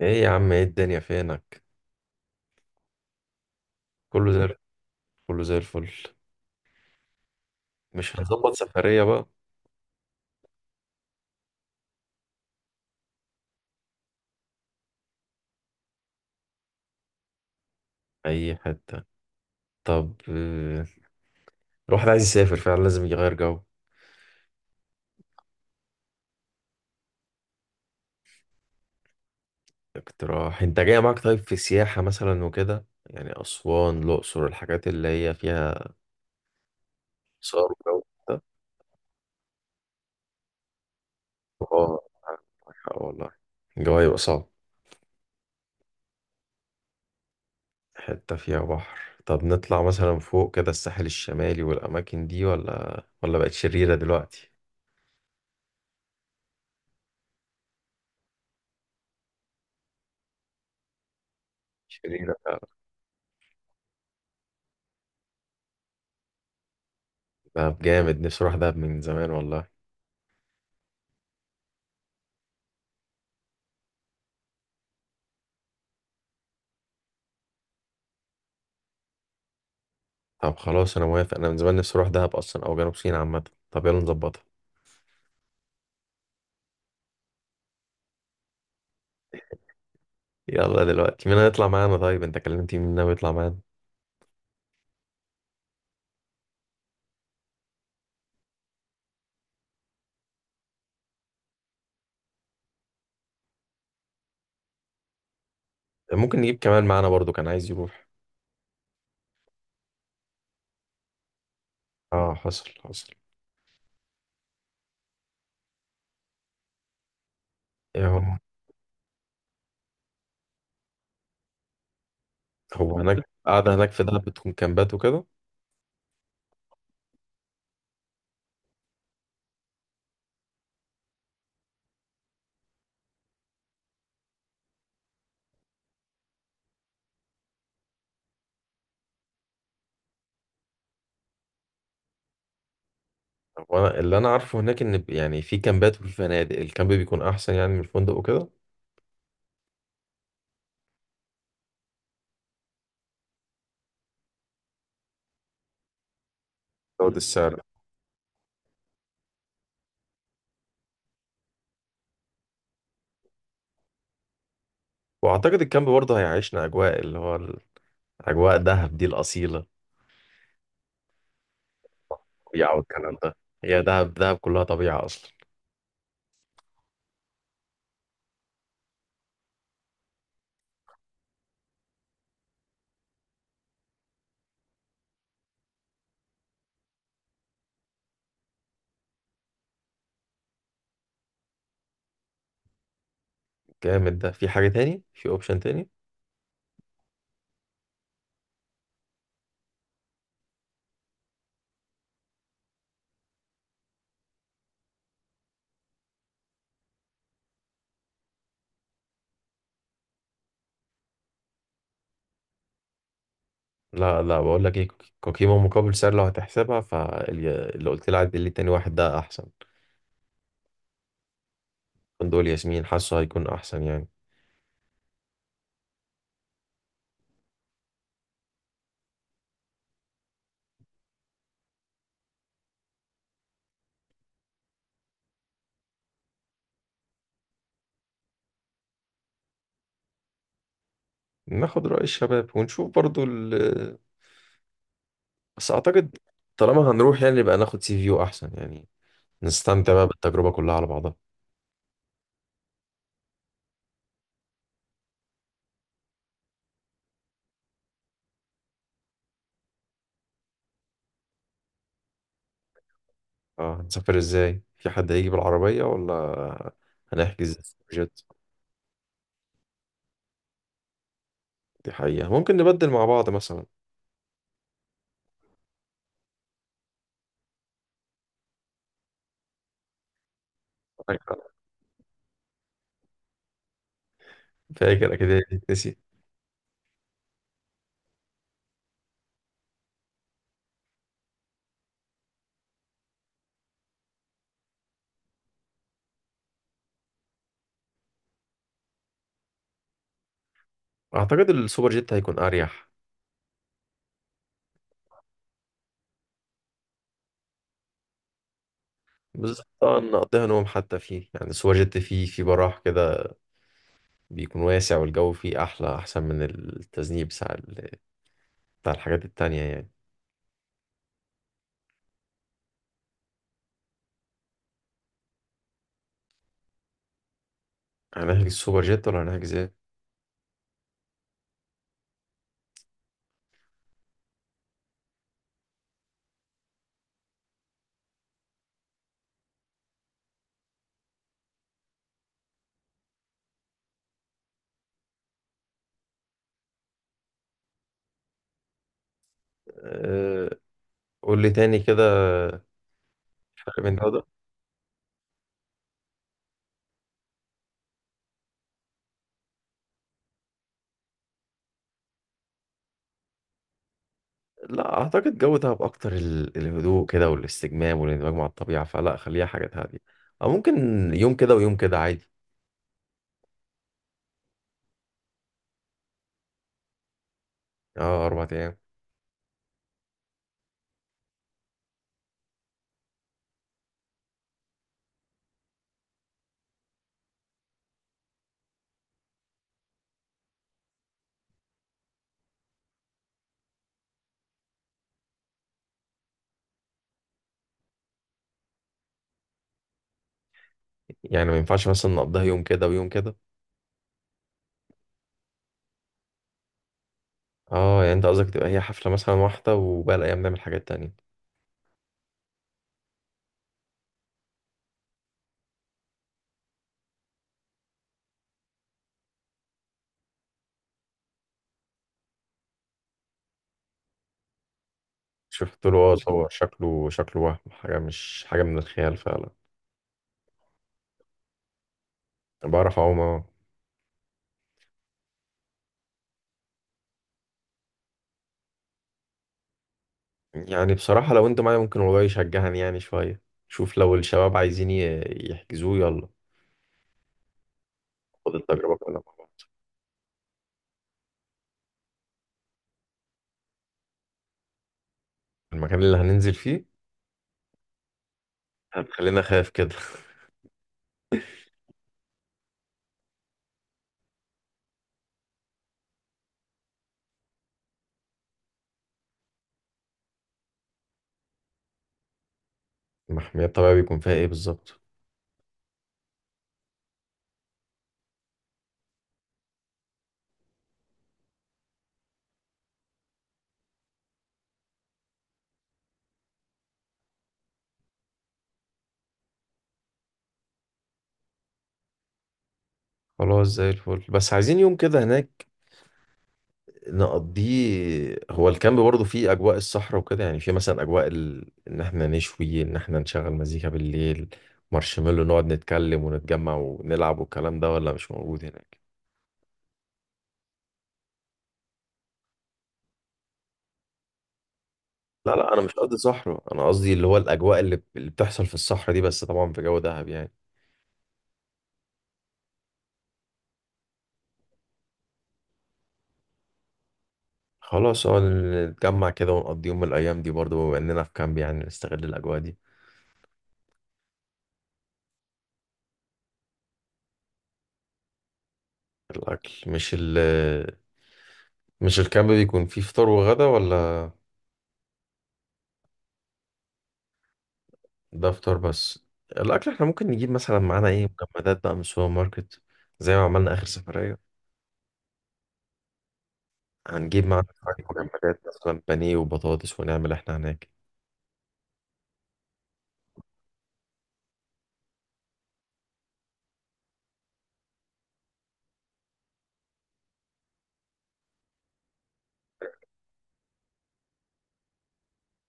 ايه يا عم، ايه الدنيا فينك؟ كله زي الفل. كله زي الفل. مش هنظبط سفرية بقى؟ اي حتة. طب الواحد عايز يسافر فعلا، لازم يغير جو. اقتراح انت جاي معاك؟ طيب، في سياحة مثلا وكده، يعني اسوان الاقصر، الحاجات اللي هي فيها صور وجو ده. اه، عندك حق والله. الجو هيبقى صعب. حتة فيها بحر، طب نطلع مثلا فوق كده الساحل الشمالي والاماكن دي، ولا بقت شريرة دلوقتي؟ شريرة فعلا. دهب جامد، نفسي اروح دهب من زمان والله. طب خلاص، انا موافق، انا من زمان نفسي اروح دهب اصلا او جنوب سيناء عامه. طب يلا نظبطها. يلا دلوقتي، مين هيطلع معانا؟ طيب، انت كلمت مين ناوي يطلع معانا؟ ممكن نجيب كمان معانا برضو كان عايز يروح. اه، حصل حصل. ايه هو؟ هو هناك قاعده هناك في دهب بتكون كامبات وكده؟ هو انا اللي انا عارفه هناك ان يعني في كامبات وفي فنادق، الكامب بيكون احسن يعني من الفندق وكده. زود السعر. واعتقد الكامب برضه هيعيشنا اجواء، اللي هو اجواء دهب دي الاصيله، طبيعه والكلام ده. هي دهب دهب كلها طبيعه اصلا. جامد. ده في حاجة تاني، في اوبشن تاني؟ لا، لا، بقول لك ايه، قيمة مقابل سعر، لو هتحسبها فاللي قلت لي عدل لي، تاني واحد ده احسن. فندق ياسمين حاسه هيكون احسن يعني. ناخد رأي الشباب ونشوف برضو. بس اعتقد طالما هنروح يعني يبقى ناخد سي فيو احسن يعني، نستمتع بقى بالتجربة كلها على بعضها. اه، هنسافر ازاي؟ في حد هيجي بالعربية ولا هنحجز جت؟ دي حقيقة، ممكن نبدل مع بعض مثلا. فاكر. اكيد. نسي. اعتقد السوبر جيت هيكون اريح. بالظبط طبعا، نقضيها نوم حتى فيه، يعني سوبر جيت فيه في براح كده، بيكون واسع والجو فيه أحلى أحسن من التذنيب بتاع بتاع الحاجات التانية يعني. هنحجز سوبر جيت ولا هنحجز ايه؟ أه، قول لي تاني كده، فرق بين ده وده؟ لا أعتقد، جو دهب أكتر الهدوء كده والاستجمام والاندماج مع الطبيعة، فلا، خليها حاجة هادية. أو ممكن يوم كده ويوم كده عادي. اه، أربع أيام. يعني ما ينفعش مثلا نقضيها يوم كده ويوم كده؟ اه، يعني أنت قصدك تبقى هي حفلة مثلا واحدة، وباقي الأيام نعمل حاجات تانية؟ شفت له صور، شكله شكله، وهم حاجة مش حاجة من الخيال فعلا. أنا بعرف أعوم، اه. يعني بصراحة، لو أنت معايا ممكن، والله يشجعني يعني شوية. شوف لو الشباب عايزين يحجزوه يلا. خد التجربة كلها مع بعض. المكان اللي هننزل فيه؟ هتخلينا خايف كده. المحمية الطبيعية بيكون فيها إيه بالظبط؟ خلاص زي الفل، بس عايزين يوم كده هناك نقضيه. هو الكامب برضه فيه اجواء الصحراء وكده، يعني فيه مثلا اجواء ان احنا نشوي، ان احنا نشغل مزيكا بالليل، مارشميلو، نقعد نتكلم ونتجمع ونلعب والكلام ده، ولا مش موجود هناك؟ لا، لا، انا مش قصدي صحراء، انا قصدي اللي هو الاجواء اللي بتحصل في الصحراء دي، بس طبعا في جو دهب يعني. خلاص، اه، نتجمع كده ونقضي يوم من الايام دي برضه، بما اننا في كامب يعني نستغل الاجواء دي. الاكل مش الكامب بيكون فيه فطار وغدا ولا؟ ده فطار بس. الاكل احنا ممكن نجيب مثلا معانا، ايه، مجمدات بقى من السوبر ماركت، زي ما عملنا اخر سفرية. هنجيب معانا شوية مجمدات مثلا بانيه وبطاطس، ونعمل احنا هناك.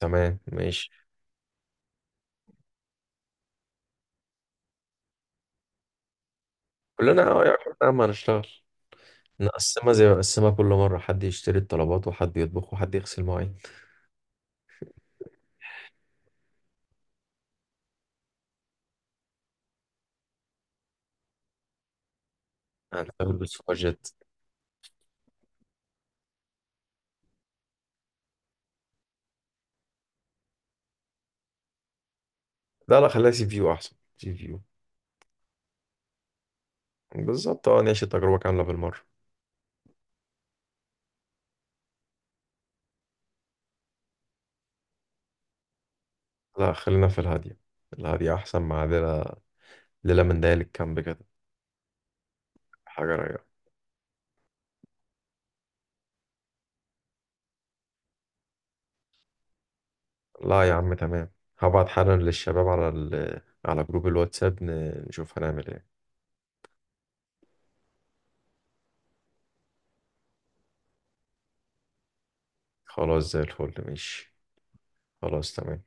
تمام ماشي. كلنا اه يا عم هنشتغل، نقسمها زي ما نقسمها كل مرة، حد يشتري الطلبات وحد يطبخ وحد يغسل مواعين. هنشتغل بالسوبر جيت. لا، لا، خليها سي فيو احسن سي فيو. بالظبط، اه، نعيش التجربة كاملة بالمرة. لا، خلينا في الهادية، الهادية احسن مع ليلة، ليلة من ليالي الكامب كده. حاجة رايقة. لا يا عم، تمام. هبعت حالا للشباب على على جروب الواتساب، نشوف هنعمل ايه. خلاص زي الفل، ماشي. خلاص، تمام.